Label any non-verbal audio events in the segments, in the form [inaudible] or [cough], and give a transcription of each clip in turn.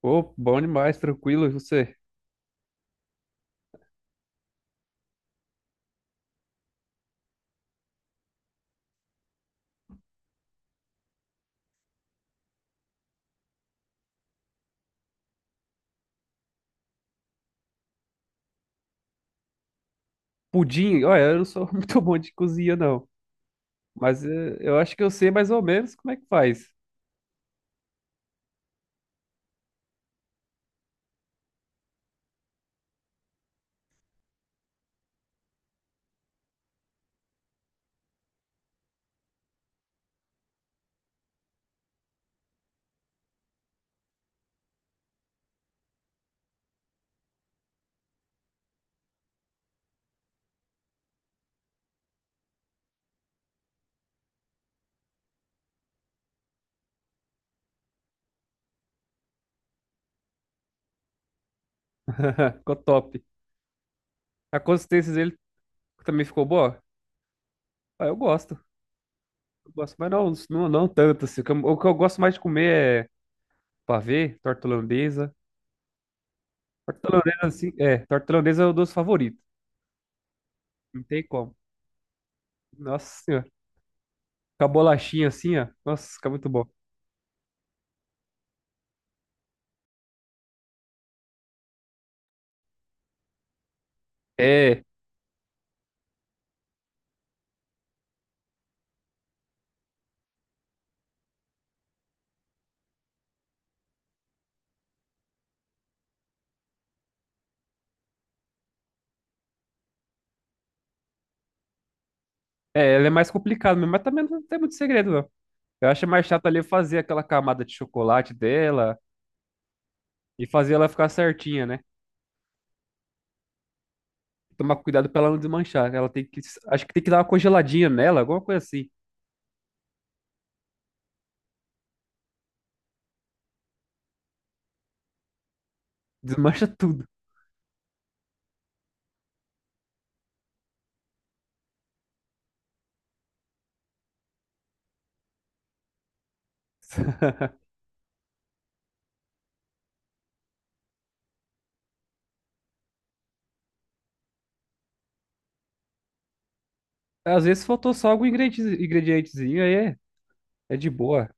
Pô, bom demais, tranquilo, e você? Pudim, olha, eu não sou [laughs] muito bom de cozinha, não. Mas eu acho que eu sei mais ou menos como é que faz. [laughs] Ficou top. A consistência dele também ficou boa? Ah, eu gosto. Eu gosto, mas não tanto, assim. O que eu gosto mais de comer é pavê, torta holandesa. Torta holandesa, assim, é, torta holandesa é o doce favorito. Não tem como. Nossa senhora. Com a bolachinha assim, ó. Nossa, fica muito bom. É, é, ela é mais complicada mesmo, mas também não tem muito segredo, não. Eu acho mais chato ali fazer aquela camada de chocolate dela e fazer ela ficar certinha, né? Tomar cuidado pra ela não desmanchar. Ela tem que, acho que tem que dar uma congeladinha nela, alguma coisa assim. Desmancha tudo. [laughs] Às vezes faltou só algum ingrediente, ingredientezinho, aí é, é de boa.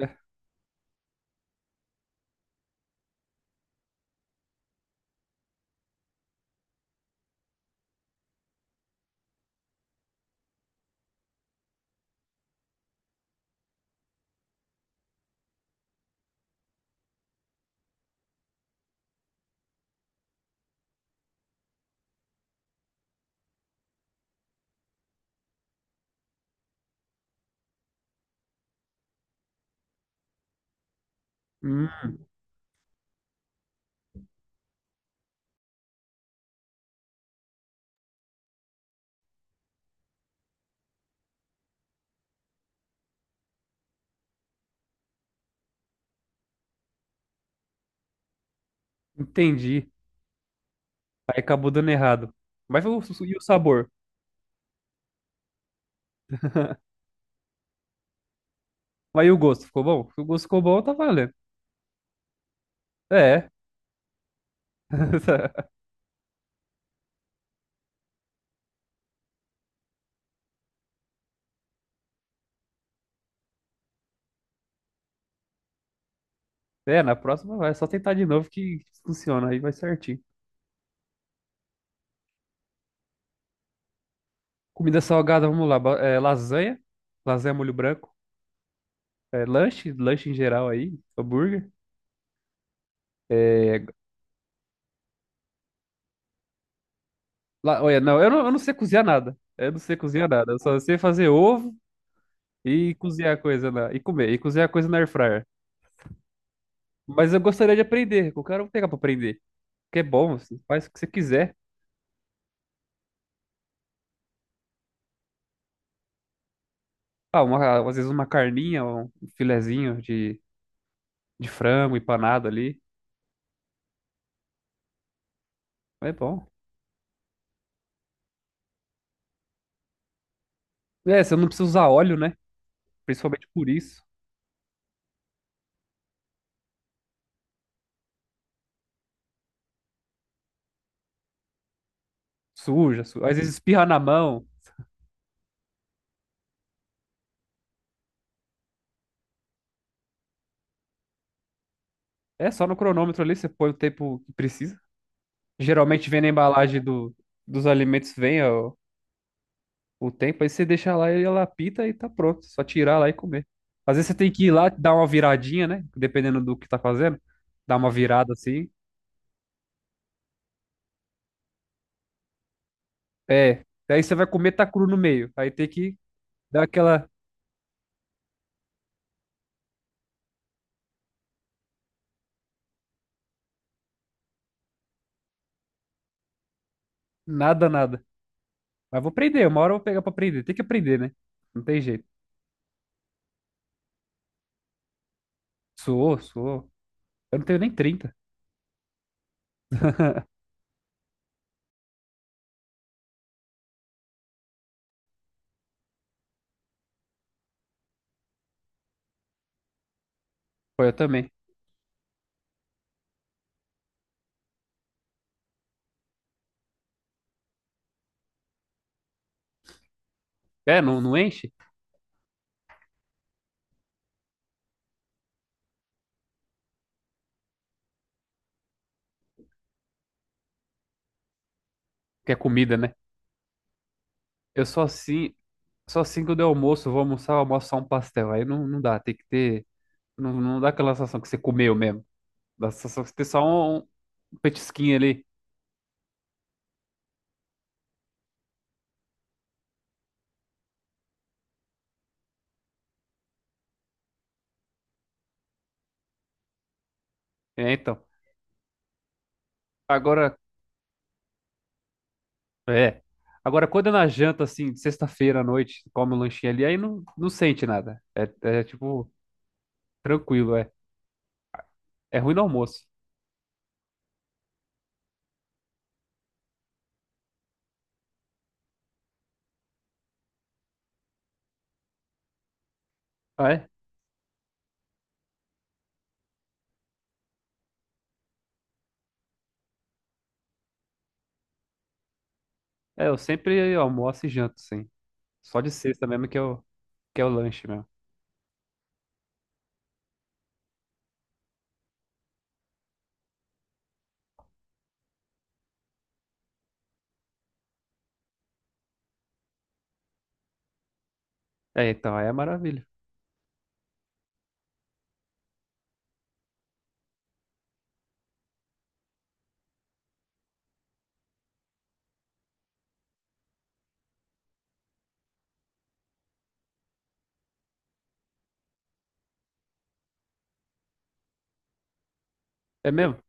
É. Hum, entendi. Aí acabou dando errado. Mas o, e o sabor? Mas e o gosto? Ficou bom? Se o gosto ficou bom, tá valendo. É. [laughs] É, na próxima vai. É só tentar de novo que funciona. Aí vai certinho. Comida salgada, vamos lá. É, lasanha molho branco. É, lanche em geral aí, hambúrguer. É, olha, eu não sei cozinhar nada. Eu não sei cozinhar nada. Eu só sei fazer ovo e cozinhar coisa na, e comer, e cozinhar coisa na air fryer. Mas eu gostaria de aprender. Qualquer hora eu quero pegar pra aprender. Que é bom, você faz o que você quiser. Ah, uma, às vezes uma carninha, um filezinho de frango empanado ali. É bom. É, você não precisa usar óleo, né? Principalmente por isso. Suja, às vezes espirra na mão. É só no cronômetro ali, você põe o tempo que precisa. Geralmente vem na embalagem dos alimentos, vem ó, o tempo, aí você deixa lá e ela apita e tá pronto. Só tirar lá e comer. Às vezes você tem que ir lá, dar uma viradinha, né? Dependendo do que tá fazendo. Dar uma virada assim. É. Aí você vai comer, tá cru no meio. Aí tem que dar aquela nada, nada. Mas vou aprender, uma hora eu vou pegar pra aprender. Tem que aprender, né? Não tem jeito. Suou, suou. Eu não tenho nem 30. Pô, eu também. É, não, não enche? Porque é comida, né? Eu só assim quando eu almoço, eu vou almoçar, eu almoço só um pastel. Aí não dá, tem que ter. Não dá aquela sensação que você comeu mesmo. Dá a sensação que você tem só um petisquinho ali. É, então. Agora, é. Agora, quando é na janta, assim, de sexta-feira à noite, come um lanchinho ali, aí não sente nada. É, é tipo, tranquilo, é. É ruim no almoço. Ah, é? É, eu sempre almoço e janto, sim. Só de sexta mesmo que é o lanche mesmo. É, então, aí é maravilha. É mesmo?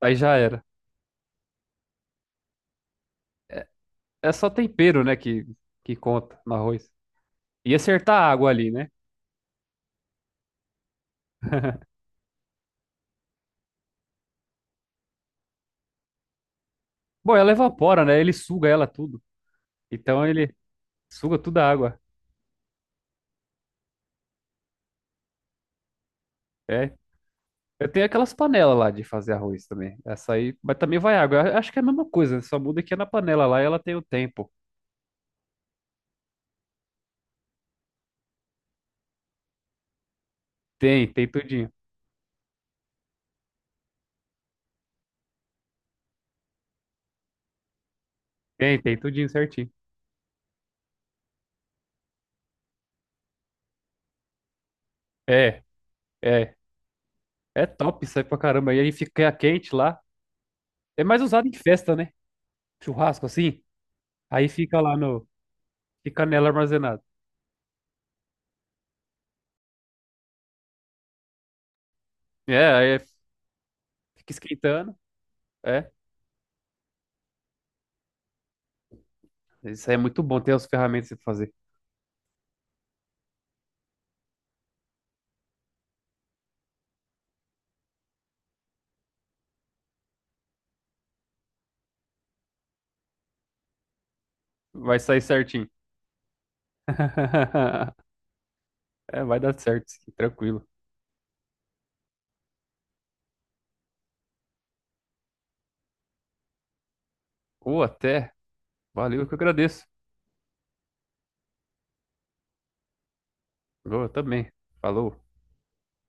Aí já era. É só tempero, né, que conta no arroz. E acertar a água ali, né? Bom, ela evapora, né? Ele suga ela tudo. Então ele suga toda a água. É. Eu tenho aquelas panelas lá de fazer arroz também. Essa aí, mas também vai água. Eu acho que é a mesma coisa, né? Só muda que é na panela lá e ela tem o tempo. Tem, tem tudinho. Tem, tem tudinho certinho. É, é. É top isso aí pra caramba. E aí fica quente lá. É mais usado em festa, né? Churrasco assim. Aí fica lá no. Fica nela armazenada. É, aí fica esquentando. É. Isso aí é muito bom ter as ferramentas pra você fazer. Vai sair certinho. [laughs] É, vai dar certo, sim, tranquilo. Ou até, valeu, eu que agradeço. Eu também. Falou.